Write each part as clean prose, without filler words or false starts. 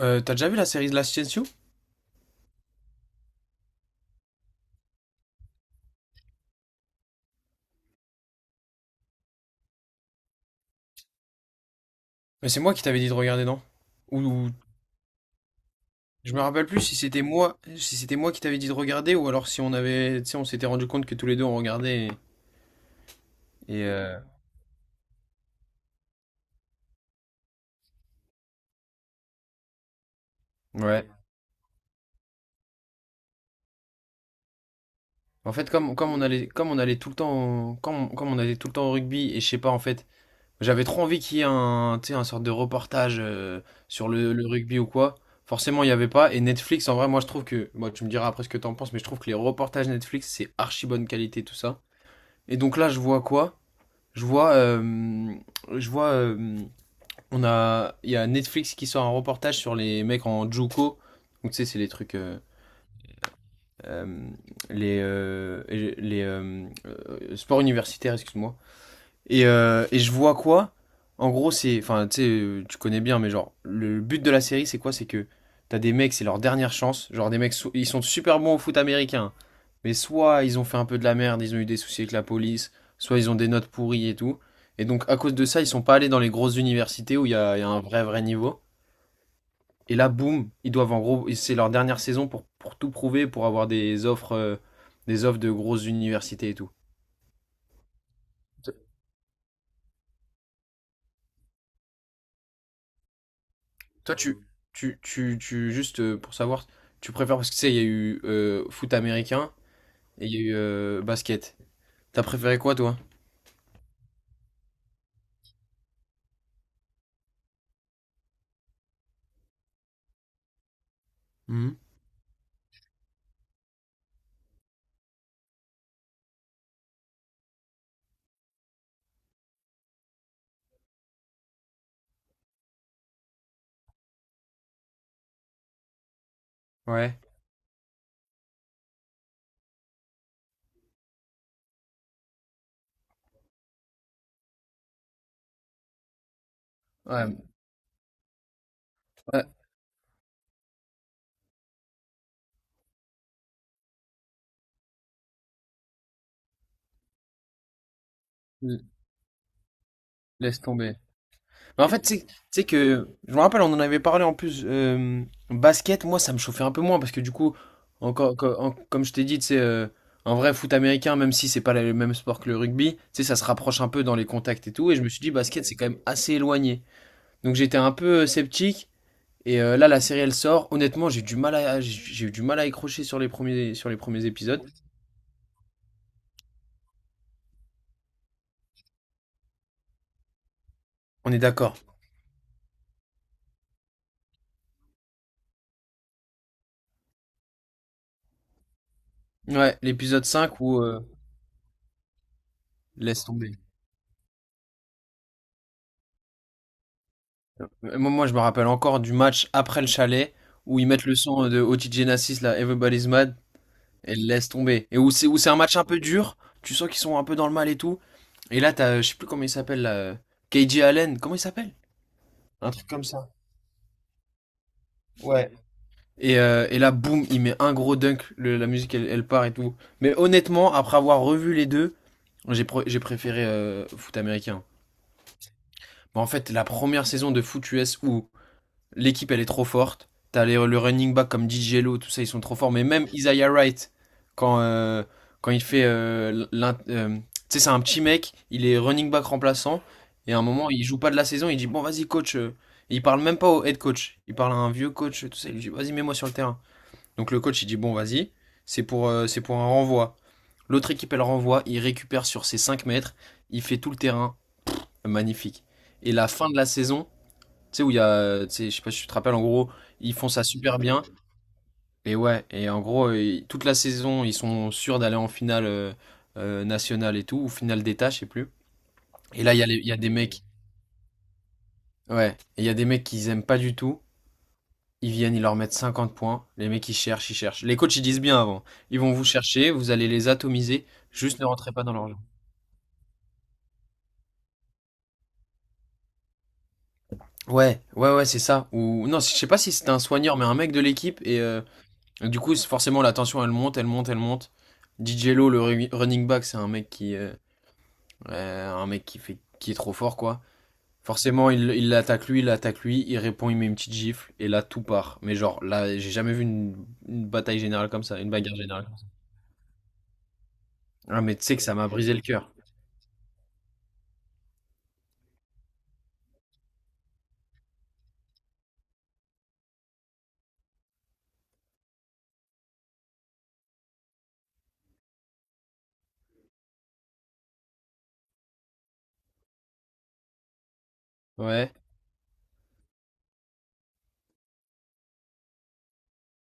T'as déjà vu la série de l'Ascension? Mais c'est moi qui t'avais dit de regarder, non? Ou, ou- je me rappelle plus si c'était moi, qui t'avais dit de regarder ou alors si on avait, tu sais, on s'était rendu compte que tous les deux on regardait et, euh, ouais. En fait, comme on allait, comme on allait tout le temps, comme on allait tout le temps au rugby et je sais pas en fait, j'avais trop envie qu'il y ait un, tu sais, un sorte de reportage sur le rugby ou quoi. Forcément, il y avait pas. Et Netflix, en vrai, moi je trouve que, moi tu me diras après ce que t'en penses, mais je trouve que les reportages Netflix c'est archi bonne qualité tout ça. Et donc là, je vois quoi? Je vois, euh, je vois, euh, il y a Netflix qui sort un reportage sur les mecs en JUCO. Donc, tu sais, c'est les trucs, euh, les sports universitaires, excuse-moi. Et je vois quoi? En gros, c'est. Enfin, tu sais, tu connais bien, mais genre, le but de la série, c'est quoi? C'est que t'as des mecs, c'est leur dernière chance. Genre, des mecs, ils sont super bons au foot américain. Mais soit ils ont fait un peu de la merde, ils ont eu des soucis avec la police, soit ils ont des notes pourries et tout. Et donc, à cause de ça, ils sont pas allés dans les grosses universités où il y a un vrai, vrai niveau. Et là, boum, ils doivent en gros. C'est leur dernière saison pour, tout prouver, pour avoir des offres de grosses universités et tout. Toi, juste pour savoir, tu préfères, parce que tu sais, il y a eu foot américain et il y a eu basket. T'as préféré quoi, toi? Mhm. Ouais. Ouais. Ouais, l- laisse tomber. Mais en fait, tu sais que, je me rappelle, on en avait parlé en plus, basket, moi, ça me chauffait un peu moins, parce que du coup, encore, comme je t'ai dit, tu sais, un vrai foot américain, même si c'est pas le même sport que le rugby, tu sais, ça se rapproche un peu dans les contacts et tout, et je me suis dit, basket, c'est quand même assez éloigné. Donc j'étais un peu sceptique. Là, la série, elle sort. Honnêtement, j'ai eu du mal à accrocher sur les premiers épisodes. On est d'accord. Ouais, l'épisode 5 où, laisse tomber. Euh, moi, je me rappelle encore du match après le chalet où ils mettent le son de Otis Genesis, là, Everybody's Mad, et laisse tomber. Et où c'est un match un peu dur. Tu sens qu'ils sont un peu dans le mal et tout. Et là, t'as, je sais plus comment il s'appelle, là, KJ Allen. Comment il s'appelle? Un truc comme ça. Ouais. Et là, boum, il met un gros dunk, la musique elle part et tout. Mais honnêtement, après avoir revu les deux, j'ai préféré foot américain. Bon, en fait, la première saison de foot US où l'équipe elle est trop forte, t'as le running back comme DJ Lo, tout ça, ils sont trop forts. Mais même Isaiah Wright, quand, euh, quand tu sais, c'est un petit mec, il est running back remplaçant, et à un moment, il joue pas de la saison, il dit bon, vas-y, coach. Et il parle même pas au head coach, il parle à un vieux coach, tout ça, il lui dit vas-y, mets-moi sur le terrain. Donc le coach, il dit bon, vas-y, c'est pour un renvoi. L'autre équipe, elle renvoie, il récupère sur ses 5 mètres, il fait tout le terrain, magnifique. Et la fin de la saison, tu sais, où tu sais, je sais pas si tu te rappelles, en gros, ils font ça super bien. Et ouais, et en gros, toute la saison, ils sont sûrs d'aller en finale nationale et tout, ou finale d'État, je sais plus. Et là, il y a des mecs, ouais, et il y a des mecs qu'ils aiment pas du tout. Ils viennent, ils leur mettent 50 points. Les mecs, ils cherchent, ils cherchent. Les coachs, ils disent bien avant. Ils vont vous chercher, vous allez les atomiser. Juste ne rentrez pas dans leur jeu. Ouais, ouais, ouais, c'est ça. Ou non, je sais pas si c'était un soigneur, mais un mec de l'équipe. Du coup, forcément, la tension, elle monte, elle monte, elle monte. DJ Lo, le running back, c'est un mec qui fait, qui est trop fort, quoi. Forcément, il l'attaque lui, il l'attaque lui, il répond, il met une petite gifle, et là, tout part. Mais genre, là, j'ai jamais vu une bataille générale comme ça, une bagarre générale. Ah, mais tu sais que ça m'a brisé le cœur. Ouais.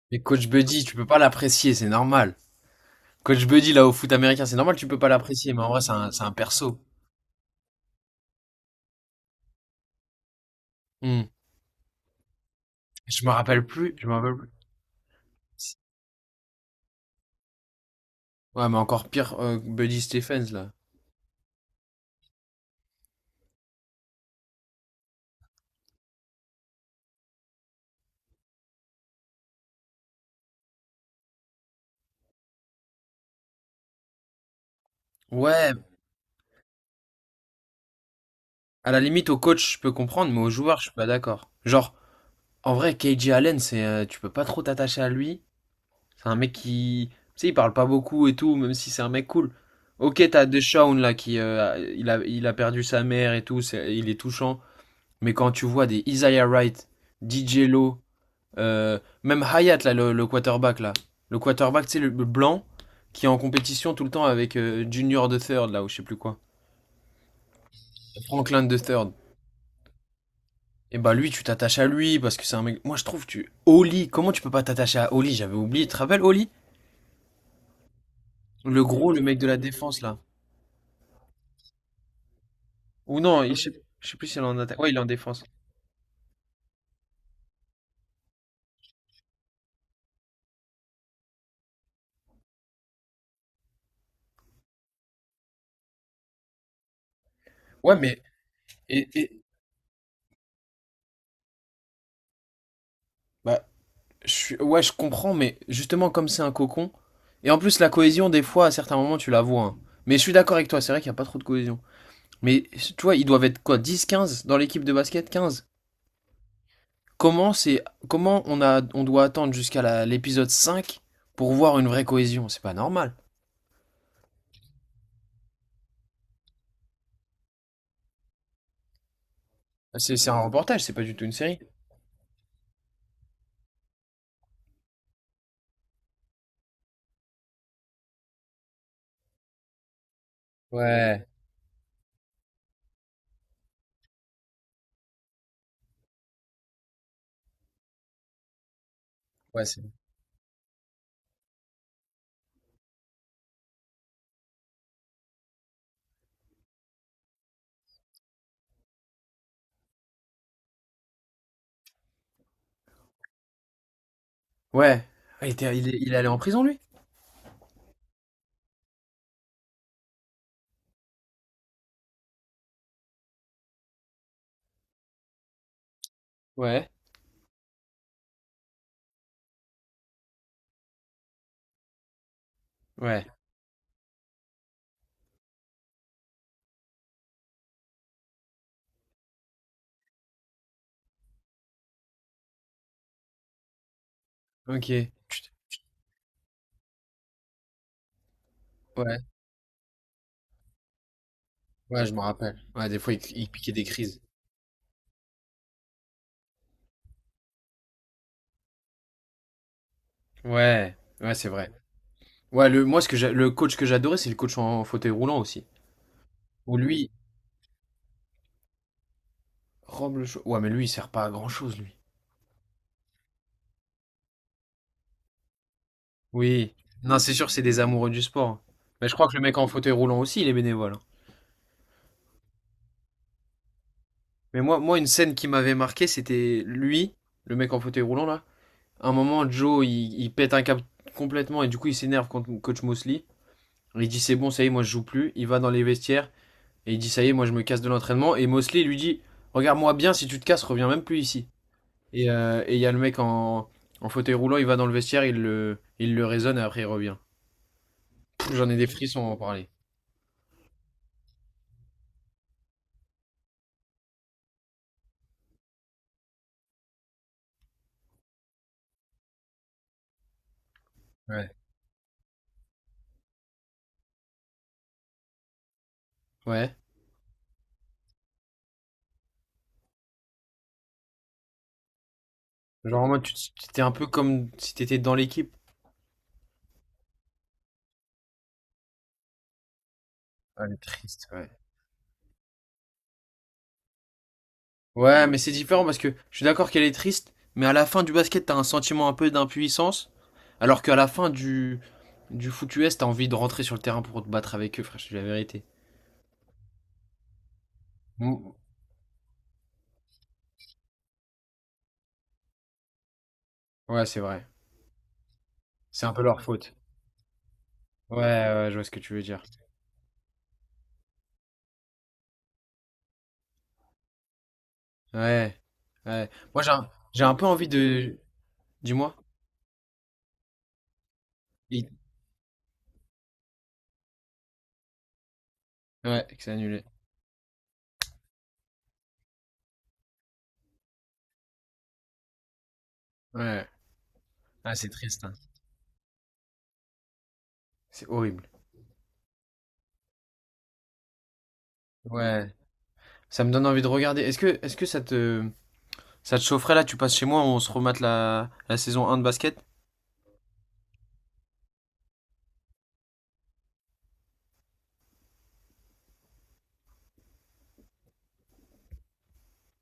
Mais Coach Buddy, tu peux pas l'apprécier, c'est normal. Coach Buddy, là, au foot américain, c'est normal, tu peux pas l'apprécier, mais en vrai, c'est un perso. Hmm. Je me rappelle plus, je me rappelle plus. Ouais, mais encore pire, Buddy Stephens, là. Ouais, à la limite, au coach, je peux comprendre, mais au joueur, je suis pas d'accord. Genre, en vrai, KJ Allen, tu peux pas trop t'attacher à lui. C'est un mec qui, tu sais, il parle pas beaucoup et tout, même si c'est un mec cool. Ok, t'as Deshaun, là, qui, il a perdu sa mère et tout, il est touchant. Mais quand tu vois des Isaiah Wright, DJ Lowe, même Hayat, là, le quarterback, là. Le quarterback, tu sais, le blanc, qui est en compétition tout le temps avec Junior de Third, là, ou je sais plus quoi. Franklin de Third. Et bah lui, tu t'attaches à lui parce que c'est un mec. Moi, je trouve, tu. Oli, comment tu peux pas t'attacher à Oli? J'avais oublié. Tu te rappelles Oli? Le gros, le mec de la défense, là. Ou non, je sais plus s'il est en attaque. Ouais, il est en défense. Ouais, mais. Et, et- Bah, ouais, je comprends, mais justement, comme c'est un cocon. Et en plus, la cohésion, des fois, à certains moments, tu la vois, hein. Mais je suis d'accord avec toi, c'est vrai qu'il n'y a pas trop de cohésion. Mais tu vois, ils doivent être quoi, 10 15 dans l'équipe de basket? 15. Comment c'est, comment on doit attendre jusqu'à l'épisode 5 pour voir une vraie cohésion? C'est pas normal. C'est un reportage, c'est pas du tout une série. Ouais, ouais, c'est. Ouais. Ah, Il est allé en prison, lui? Ouais. Ouais. Ok. Chut. Ouais, ouais, je me rappelle. Ouais, des fois, il piquait des crises. Ouais, ouais, c'est vrai. Ouais, le coach que j'adorais, c'est le coach en fauteuil roulant aussi. Où lui. Ouais, mais lui, il sert pas à grand-chose, lui. Oui. Non, c'est sûr, c'est des amoureux du sport. Mais je crois que le mec en fauteuil roulant aussi, il est bénévole, hein. Mais moi, une scène qui m'avait marqué, c'était lui, le mec en fauteuil roulant, là. À un moment, Joe, il pète un câble complètement et du coup, il s'énerve contre coach Mosley. Il dit, c'est bon, ça y est, moi, je joue plus. Il va dans les vestiaires et il dit, ça y est, moi, je me casse de l'entraînement. Et Mosley lui dit, regarde-moi bien, si tu te casses, reviens même plus ici. Et il y a le mec en fauteuil roulant, il va dans le vestiaire, il le raisonne et après il revient. Pff, j'en ai des frissons à en parler. Ouais. Ouais. Genre en mode, tu t'étais un peu comme si t'étais dans l'équipe. Ah, elle est triste, ouais. Ouais, mais c'est différent parce que je suis d'accord qu'elle est triste, mais à la fin du basket, t'as un sentiment un peu d'impuissance, alors qu'à la fin du foot US, t'as envie de rentrer sur le terrain pour te battre avec eux, frère, je te dis la vérité. Mm. Ouais, c'est vrai. C'est un peu leur faute. Ouais, ouais, je vois ce que tu veux dire. Ouais, ouais. Moi, j'ai un peu envie de... Dis-moi. Il- Ouais, que c'est annulé. Ouais. Ah, c'est triste, hein. C'est horrible. Ouais. Ça me donne envie de regarder. Est-ce que ça te, chaufferait là? Tu passes chez moi, on se remate la saison 1 de basket?